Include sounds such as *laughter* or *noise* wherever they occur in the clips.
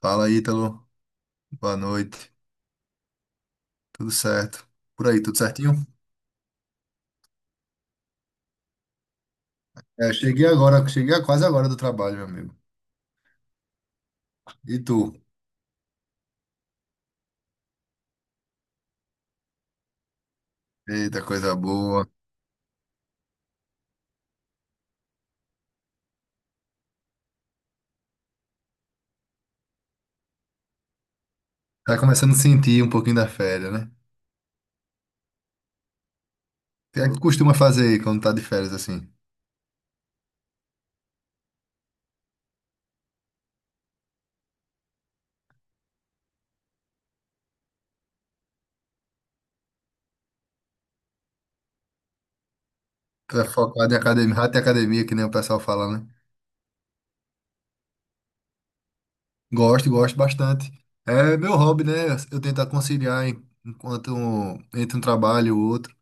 Fala, Ítalo. Boa noite. Tudo certo? Por aí, tudo certinho? É, cheguei agora, cheguei quase agora do trabalho, meu amigo. E tu? Eita, coisa boa. Tá começando a sentir um pouquinho da férias, né? O que é que costuma fazer aí quando tá de férias assim? Tu é focado em academia, rato de academia, que nem o pessoal fala, né? Gosto, gosto bastante. É meu hobby, né? Eu tento conciliar enquanto entre um trabalho e o outro,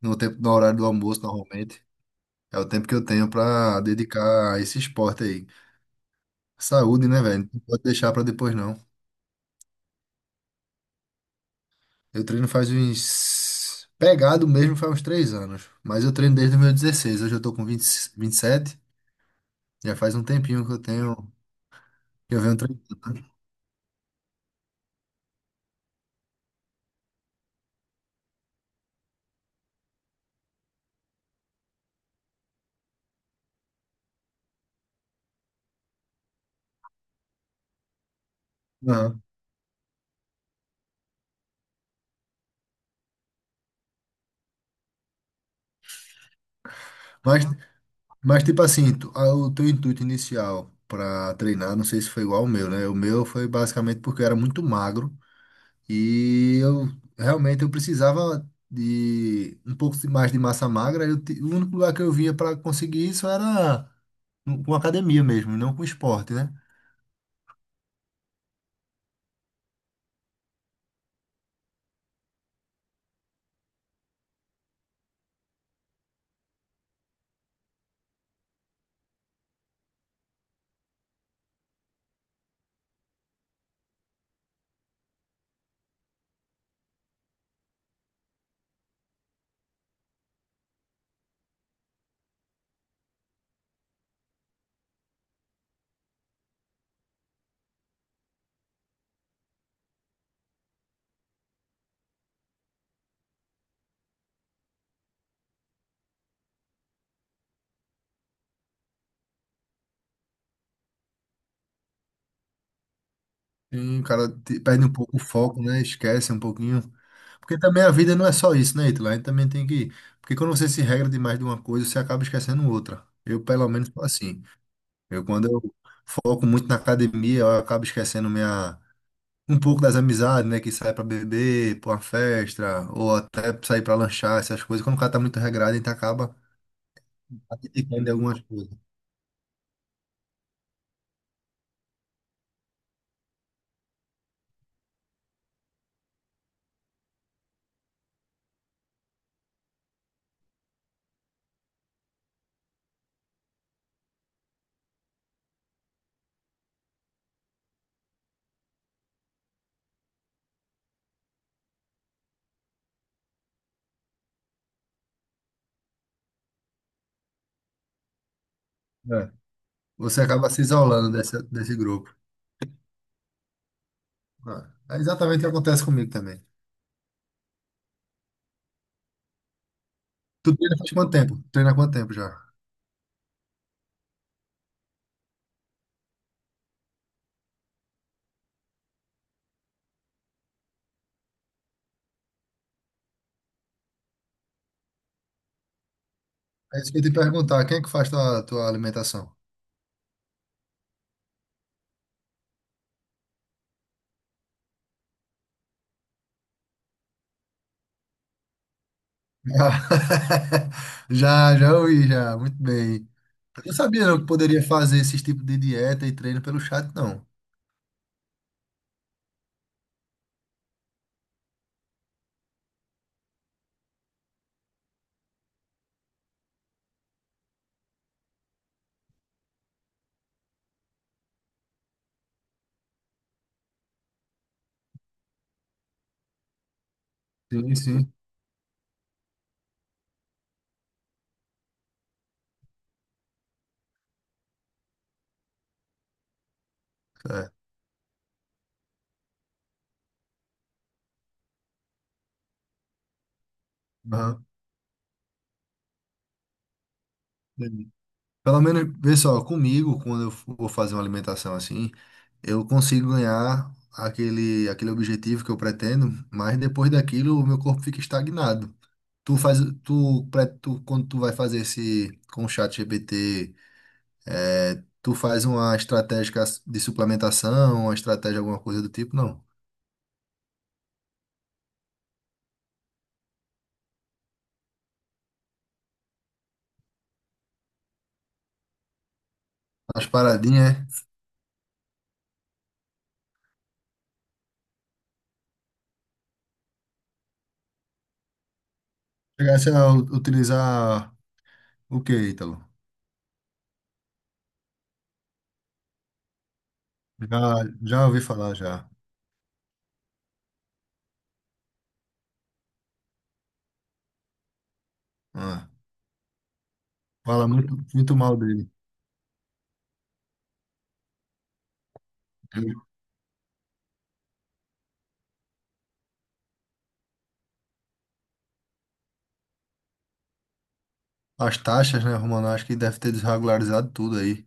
no tempo, no horário do almoço, normalmente. É o tempo que eu tenho pra dedicar a esse esporte aí. Saúde, né, velho? Não pode deixar pra depois, não. Eu treino faz uns. Pegado mesmo faz uns três anos. Mas eu treino desde os meus 16. Hoje eu tô com vinte, 27. Já faz um tempinho que eu tenho. Que Eu venho treinando. Aham. Mas, mas, tipo assim, o teu intuito inicial pra treinar, não sei se foi igual ao meu, né? O meu foi basicamente porque eu era muito magro. E eu realmente eu precisava de um pouco mais de massa magra. Eu, o único lugar que eu via pra conseguir isso era com academia mesmo, não com esporte, né? E o cara perde um pouco o foco, né? Esquece um pouquinho. Porque também a vida não é só isso, né, Ítalo? A gente também tem que. Porque quando você se regra demais de uma coisa, você acaba esquecendo outra. Eu, pelo menos, sou assim. Quando eu foco muito na academia, eu acabo esquecendo minha. Um pouco das amizades, né? Que sai pra beber, pra uma festa, ou até sair pra lanchar, essas coisas. Quando o cara tá muito regrado, a gente acaba abdicando de algumas coisas. É. Você acaba se isolando desse grupo. Ah, é exatamente o que acontece comigo também. Tu treina faz quanto tempo? Treina há quanto tempo já? É isso que eu ia te perguntar, quem é que faz tua alimentação? Já, *laughs* já ouvi, já, muito bem. Eu não sabia não que poderia fazer esses tipos de dieta e treino pelo chat, não. Sim, sim. É. Aham. Entendi. Pelo menos, vê só, comigo, quando eu vou fazer uma alimentação assim, eu consigo ganhar aquele objetivo que eu pretendo, mas depois daquilo o meu corpo fica estagnado. Tu faz, tu, quando tu vai fazer esse com o chat GPT, é, tu faz uma estratégia de suplementação, uma estratégia, alguma coisa do tipo, não. As paradinhas, é? Chegasse a utilizar o que, Ítalo? Já, já ouvi falar, já. Ah, fala muito mal dele. As taxas, né, Romano? Acho que deve ter desregularizado tudo aí.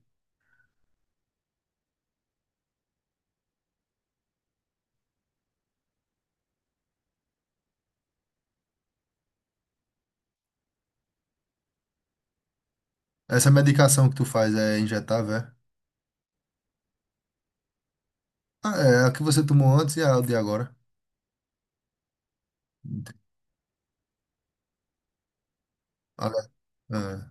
Essa medicação que tu faz é injetável, é? Ah, é a que você tomou antes e a de agora. Ah, é.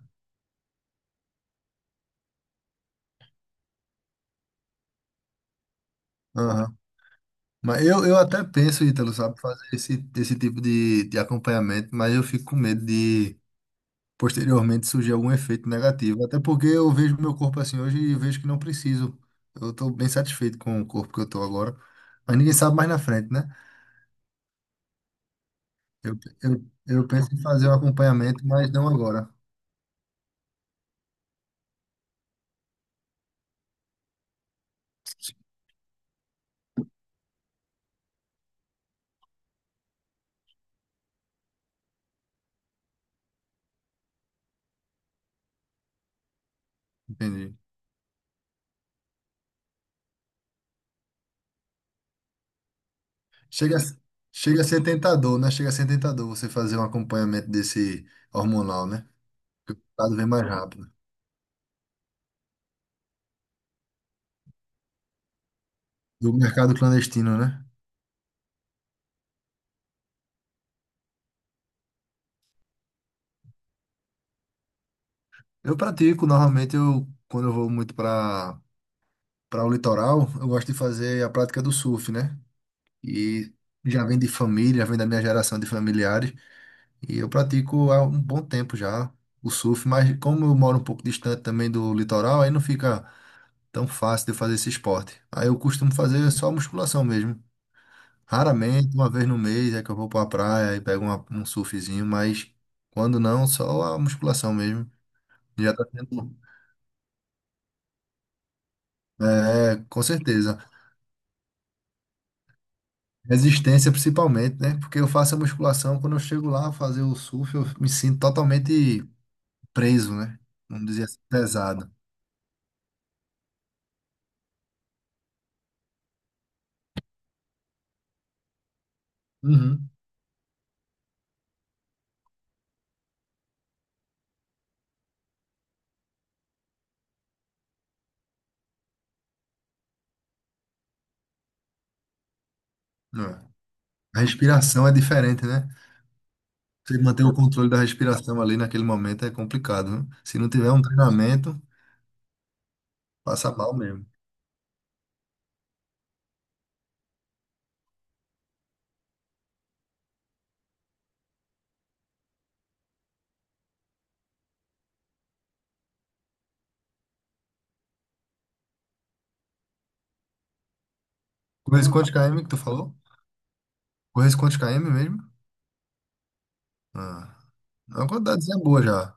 Ah, mas eu até penso, Ítalo, sabe, fazer esse tipo de acompanhamento, mas eu fico com medo de posteriormente surgir algum efeito negativo. Até porque eu vejo meu corpo assim hoje e vejo que não preciso. Eu estou bem satisfeito com o corpo que eu estou agora. Mas ninguém sabe mais na frente, né? Eu, eu penso em fazer um acompanhamento, mas não agora. Entendi. Chega, a chega a ser tentador, né? Chega a ser tentador você fazer um acompanhamento desse hormonal, né? Porque o resultado vem mais rápido. Do mercado clandestino, né? Eu pratico, normalmente eu, quando eu vou muito para o litoral, eu gosto de fazer a prática do surf, né? E já vem de família, já vem da minha geração de familiares, e eu pratico há um bom tempo já o surf, mas como eu moro um pouco distante também do litoral, aí não fica tão fácil de eu fazer esse esporte. Aí eu costumo fazer só musculação mesmo. Raramente, uma vez no mês, é que eu vou para a praia e pego um surfzinho, mas quando não, só a musculação mesmo. Já tá sendo é, com certeza. Resistência principalmente, né? Porque eu faço a musculação, quando eu chego lá a fazer o surf, eu me sinto totalmente preso, né? Vamos dizer assim, pesado. Uhum. É. A respiração é diferente, né? Você manter o controle da respiração ali naquele momento é complicado, né? Se não tiver um treinamento, passa mal mesmo. Correr quantos km que tu falou? Correr quantos km mesmo? Ah, é uma quantidadezinha boa já.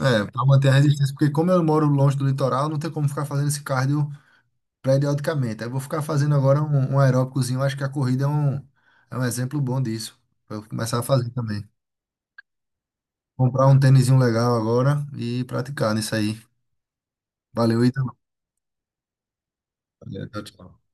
É, pra manter a resistência, porque como eu moro longe do litoral, não tem como ficar fazendo esse cardio periodicamente. Aí eu vou ficar fazendo agora um aeróbicozinho. Acho que a corrida é um exemplo bom disso. Pra eu começar a fazer também. Comprar um tênisinho legal agora e praticar nisso aí. Valeu, Ítalo. Valeu, tchau, tchau.